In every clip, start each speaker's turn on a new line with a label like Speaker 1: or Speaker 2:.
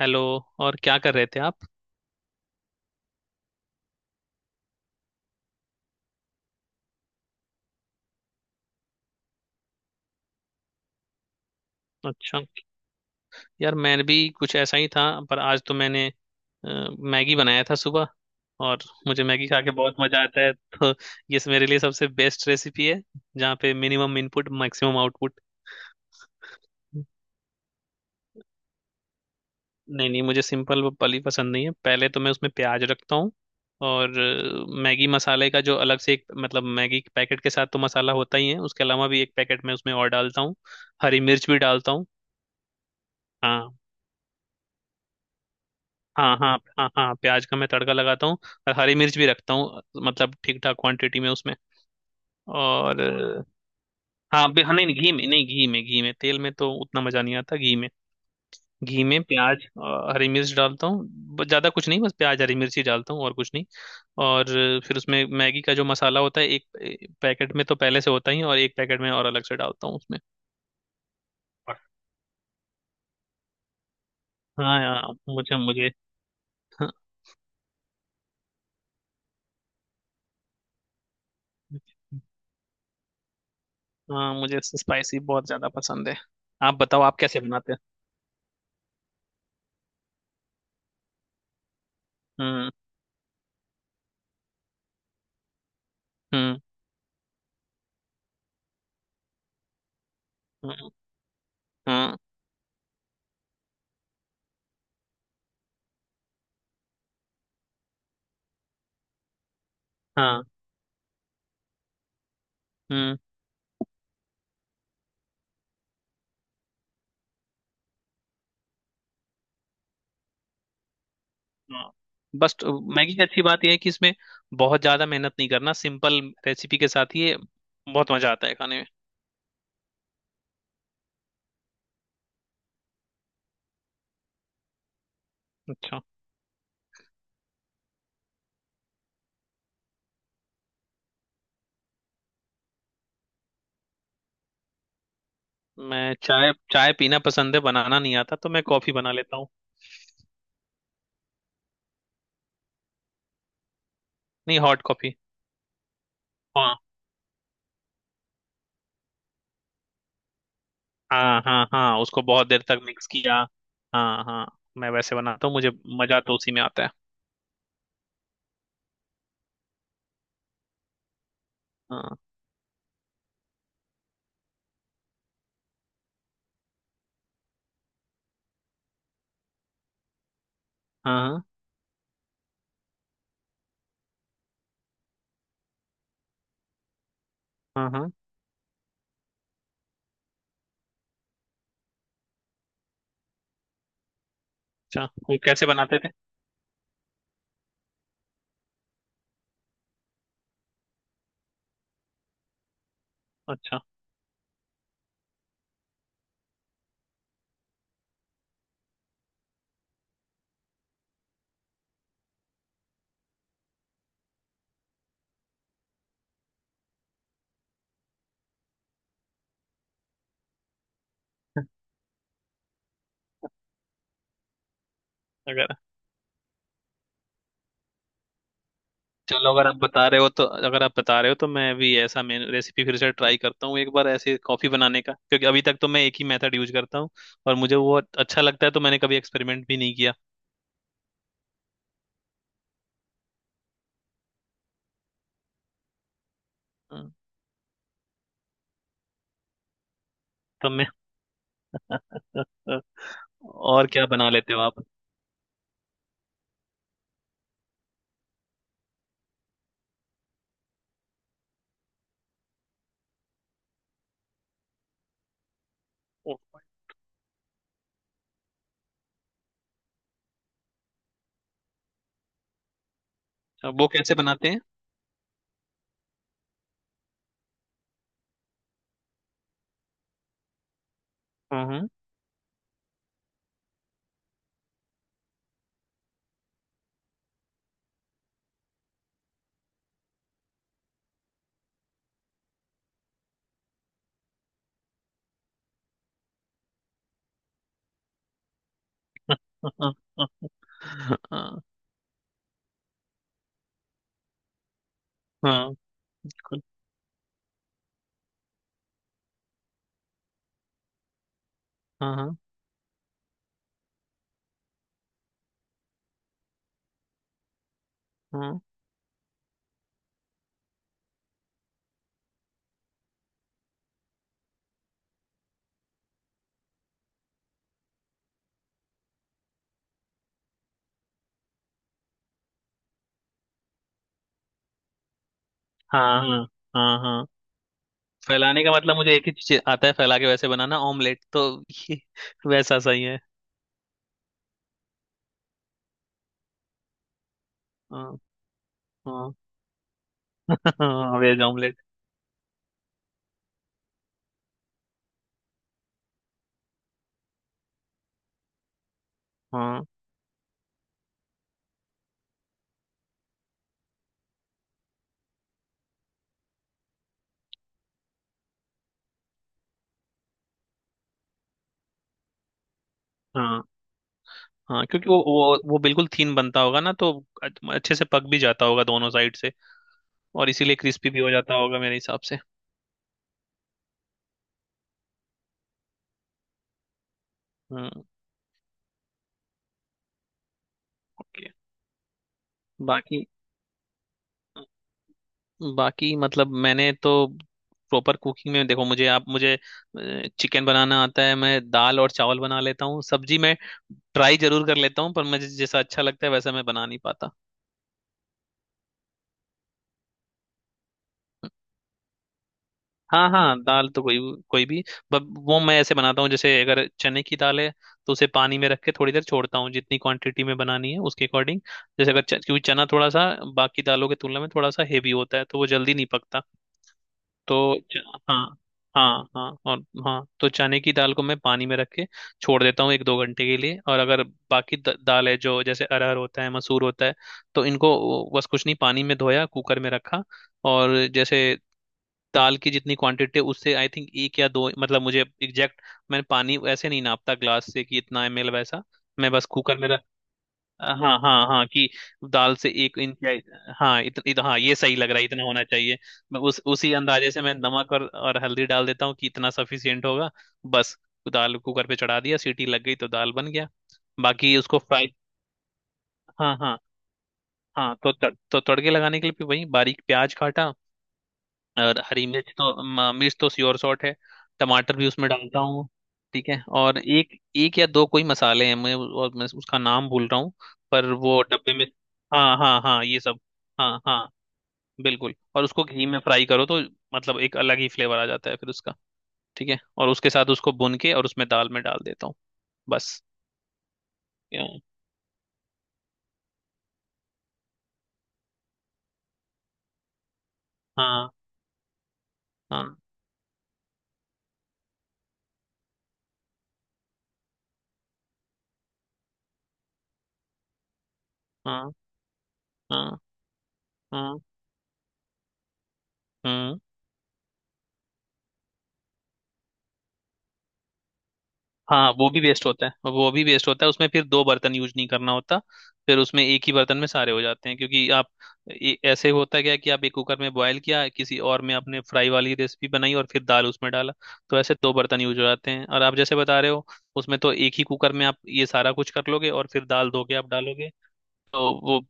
Speaker 1: Hello. और क्या कर रहे थे आप? अच्छा। यार मैं भी कुछ ऐसा ही था। पर आज तो मैंने मैगी बनाया था सुबह। और मुझे मैगी खा के बहुत मजा आता है, तो ये मेरे लिए सबसे बेस्ट रेसिपी है। जहाँ पे मिनिमम इनपुट, मैक्सिमम आउटपुट। नहीं नहीं, मुझे सिंपल वाली पसंद नहीं है। पहले तो मैं उसमें प्याज रखता हूँ। और मैगी मसाले का जो अलग से एक, मतलब मैगी के पैकेट के साथ तो मसाला होता ही है, उसके अलावा भी एक पैकेट मैं उसमें और डालता हूँ। हरी मिर्च भी डालता हूँ। हाँ। हाँ हाँ हाँ हाँ, प्याज का मैं तड़का लगाता हूँ। और हरी मिर्च भी रखता हूँ। मतलब ठीक ठाक क्वांटिटी में उसमें। और हाँ, नहीं नहीं, घी में नहीं, घी में, घी में तेल में तो उतना मजा नहीं आता, घी में। घी में प्याज, हरी मिर्च डालता हूँ। ज्यादा कुछ नहीं, बस प्याज हरी मिर्च ही डालता हूँ, और कुछ नहीं। और फिर उसमें मैगी का जो मसाला होता है, एक एक पैकेट में तो पहले से होता ही है, और एक पैकेट में और अलग से डालता हूँ उसमें। हाँ यार, मुझे मुझे। हाँ हाँ, मुझे स्पाइसी बहुत ज्यादा पसंद है। आप बताओ, आप कैसे बनाते हैं? हम्म। हम्म। हम्म। हाँ हाँ। हम्म। हाँ। बस, तो मैगी की अच्छी बात यह है कि इसमें बहुत ज्यादा मेहनत नहीं करना, सिंपल रेसिपी के साथ ही ये बहुत मजा आता है खाने में। अच्छा। मैं चाय चाय पीना पसंद है, बनाना नहीं आता, तो मैं कॉफी बना लेता हूँ। नहीं, हॉट कॉफी। हाँ हाँ हाँ हाँ, उसको बहुत देर तक मिक्स किया। हाँ हाँ। मैं वैसे बनाता हूँ, मुझे मजा तो उसी में आता है। हाँ हाँ हाँ हाँ हाँ अच्छा, वो कैसे बनाते थे? अच्छा। अगर चलो, अगर आप बता रहे हो तो अगर आप बता रहे हो तो मैं भी ऐसा मेन रेसिपी फिर से ट्राई करता हूँ एक बार, ऐसे कॉफी बनाने का, क्योंकि अभी तक तो मैं एक ही मेथड यूज करता हूँ। और मुझे वो अच्छा लगता है, तो मैंने कभी एक्सपेरिमेंट भी नहीं किया। हम्म। तो मैं। और क्या बना लेते हो आप? अच्छा। वो कैसे बनाते हैं? हम्म। हाँ हाँ। बिल्कुल। हाँ हाँ हाँ हाँ हाँ हाँ। हाँ। फैलाने का मतलब मुझे एक ही चीज आता है, फैला के वैसे बनाना ऑमलेट। तो ये वैसा सही है। हाँ हाँ। हाँ, वेज ऑमलेट। हाँ हाँ हाँ, क्योंकि वो बिल्कुल थीन बनता होगा ना, तो अच्छे से पक भी जाता होगा दोनों साइड से। और इसीलिए क्रिस्पी भी हो जाता होगा मेरे हिसाब से। हम्म। ओके। बाकी। बाकी मतलब, मैंने तो प्रॉपर कुकिंग में देखो, मुझे चिकन बनाना आता है, मैं दाल और चावल बना लेता हूँ। सब्जी मैं ट्राई जरूर कर लेता हूँ, पर मुझे जैसा अच्छा लगता है वैसा मैं बना नहीं पाता। हाँ हाँ, दाल तो कोई कोई भी। बट वो मैं ऐसे बनाता हूँ, जैसे अगर चने की दाल है तो उसे पानी में रख के थोड़ी देर छोड़ता हूँ, जितनी क्वांटिटी में बनानी है उसके अकॉर्डिंग। जैसे अगर च- क्योंकि चना थोड़ा सा बाकी दालों की तुलना में थोड़ा सा हेवी होता है, तो वो जल्दी नहीं पकता। तो च- हाँ हाँ हाँ और। हाँ, तो चने की दाल को मैं पानी में रख के छोड़ देता हूँ एक दो घंटे के लिए, और अगर बाकी दाल है जो, जैसे अरहर होता है, मसूर होता है, तो इनको बस कुछ नहीं, पानी में धोया, कुकर में रखा। और जैसे दाल की जितनी क्वांटिटी है, उससे आई थिंक एक या दो, मतलब मुझे एग्जैक्ट। मैंने पानी ऐसे नहीं नापता ग्लास से कि इतना ml, वैसा। मैं बस कुकर में हाँ हाँ हाँ, कि दाल से एक इंच या। हाँ इत, इत, हाँ, ये सही लग रहा है, इतना होना चाहिए। मैं उस उसी अंदाजे से मैं नमक और हल्दी डाल देता हूँ कि इतना सफिशियंट होगा। बस। दाल कुकर पे चढ़ा दिया, सीटी लग गई, तो दाल बन गया। बाकी उसको फ्राई। हाँ हाँ। हाँ, तो तड़के लगाने के लिए भी वही बारीक प्याज काटा। और हरी मिर्च तो मिर्च तो श्योर शॉट है। टमाटर भी उसमें डालता हूँ। ठीक है और एक, एक या दो कोई मसाले हैं, मैं और मैं उसका नाम भूल रहा हूँ। पर वो डब्बे में। हाँ हाँ हाँ, ये सब। हाँ हाँ। बिल्कुल, और उसको घी में फ्राई करो तो मतलब एक अलग ही फ्लेवर आ जाता है फिर उसका। ठीक है, और उसके साथ उसको भून के और उसमें दाल में डाल देता हूँ। बस। हाँ हाँ हाँ हाँ हाँ हाँ। हाँ, वो भी वेस्ट होता है, वो भी वेस्ट होता है उसमें, फिर दो बर्तन यूज नहीं करना होता। फिर उसमें एक ही बर्तन में सारे हो जाते हैं, क्योंकि आप, ऐसे होता क्या है कि आप एक कुकर में बॉयल किया, किसी और में आपने फ्राई वाली रेसिपी बनाई, और फिर दाल उसमें डाला। तो ऐसे दो बर्तन यूज हो जाते हैं, और आप जैसे बता रहे हो, उसमें तो एक ही कुकर में आप ये सारा कुछ कर लोगे और फिर दाल धो के आप डालोगे। तो वो।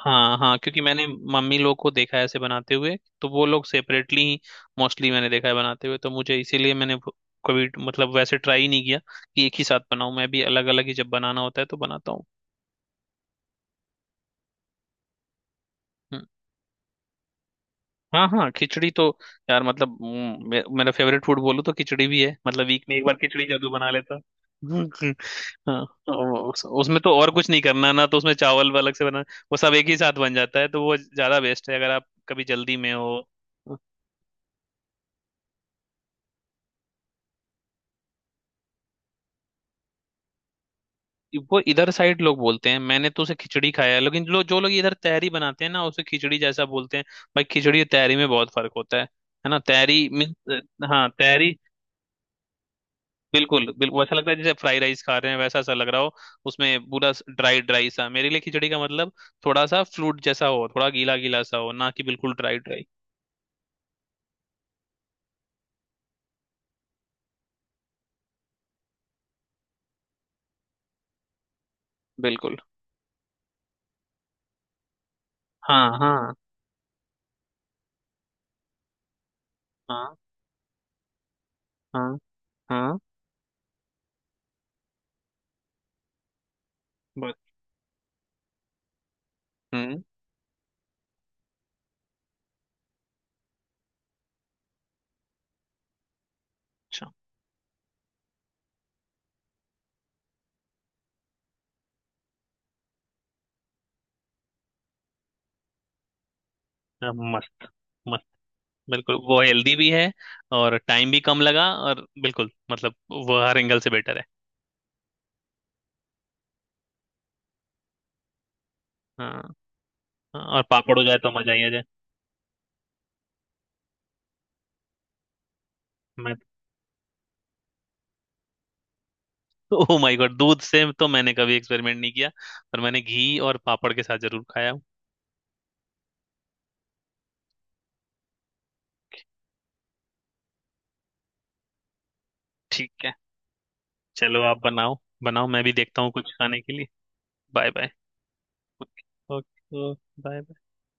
Speaker 1: हाँ हाँ, क्योंकि मैंने मम्मी लोग को देखा है ऐसे बनाते हुए, तो वो लोग सेपरेटली मोस्टली मैंने देखा है बनाते हुए, तो मुझे इसीलिए मैंने कभी मतलब वैसे ट्राई नहीं किया कि एक ही साथ बनाऊं, मैं भी अलग अलग ही जब बनाना होता है तो बनाता हूँ। हम्म। हाँ हाँ, खिचड़ी तो यार मतलब मेरा फेवरेट फूड बोलूँ तो खिचड़ी भी है, मतलब वीक में एक बार खिचड़ी जरूर बना लेता हूँ। हाँ, तो उसमें तो और कुछ नहीं करना ना, तो उसमें चावल अलग से बना, वो सब एक ही साथ बन जाता है, तो वो ज्यादा बेस्ट है अगर आप कभी जल्दी में हो। वो इधर साइड लोग बोलते हैं, मैंने तो उसे खिचड़ी खाया है, लेकिन जो जो लोग इधर तहरी बनाते हैं ना, उसे खिचड़ी जैसा बोलते हैं। भाई, खिचड़ी और तहरी में बहुत फर्क होता है ना? तहरी मीन्स। हाँ, तहरी। बिल्कुल, बिल्कुल ऐसा लगता है जैसे फ्राई राइस खा रहे हैं, वैसा सा लग रहा हो। उसमें पूरा ड्राई ड्राई सा। मेरे लिए खिचड़ी का मतलब थोड़ा सा फ्लूट जैसा हो, थोड़ा गीला गीला सा हो, ना कि बिल्कुल ड्राई ड्राई। बिल्कुल। हाँ हाँ हाँ हाँ हाँ, बस। हम्म। अच्छा। अब मस्त। बिल्कुल, वो हेल्दी भी है और टाइम भी कम लगा और बिल्कुल मतलब वो हर एंगल से बेटर है। हाँ हाँ, और पापड़ हो जाए तो मजा ही आ जाए। मैं ओह माय गॉड, दूध से तो मैंने कभी एक्सपेरिमेंट नहीं किया। पर मैंने घी और पापड़ के साथ जरूर खाया हूँ। ठीक है। चलो आप बनाओ। बनाओ, मैं भी देखता हूँ कुछ खाने के लिए। Bye bye. Okay. Okay. Bye.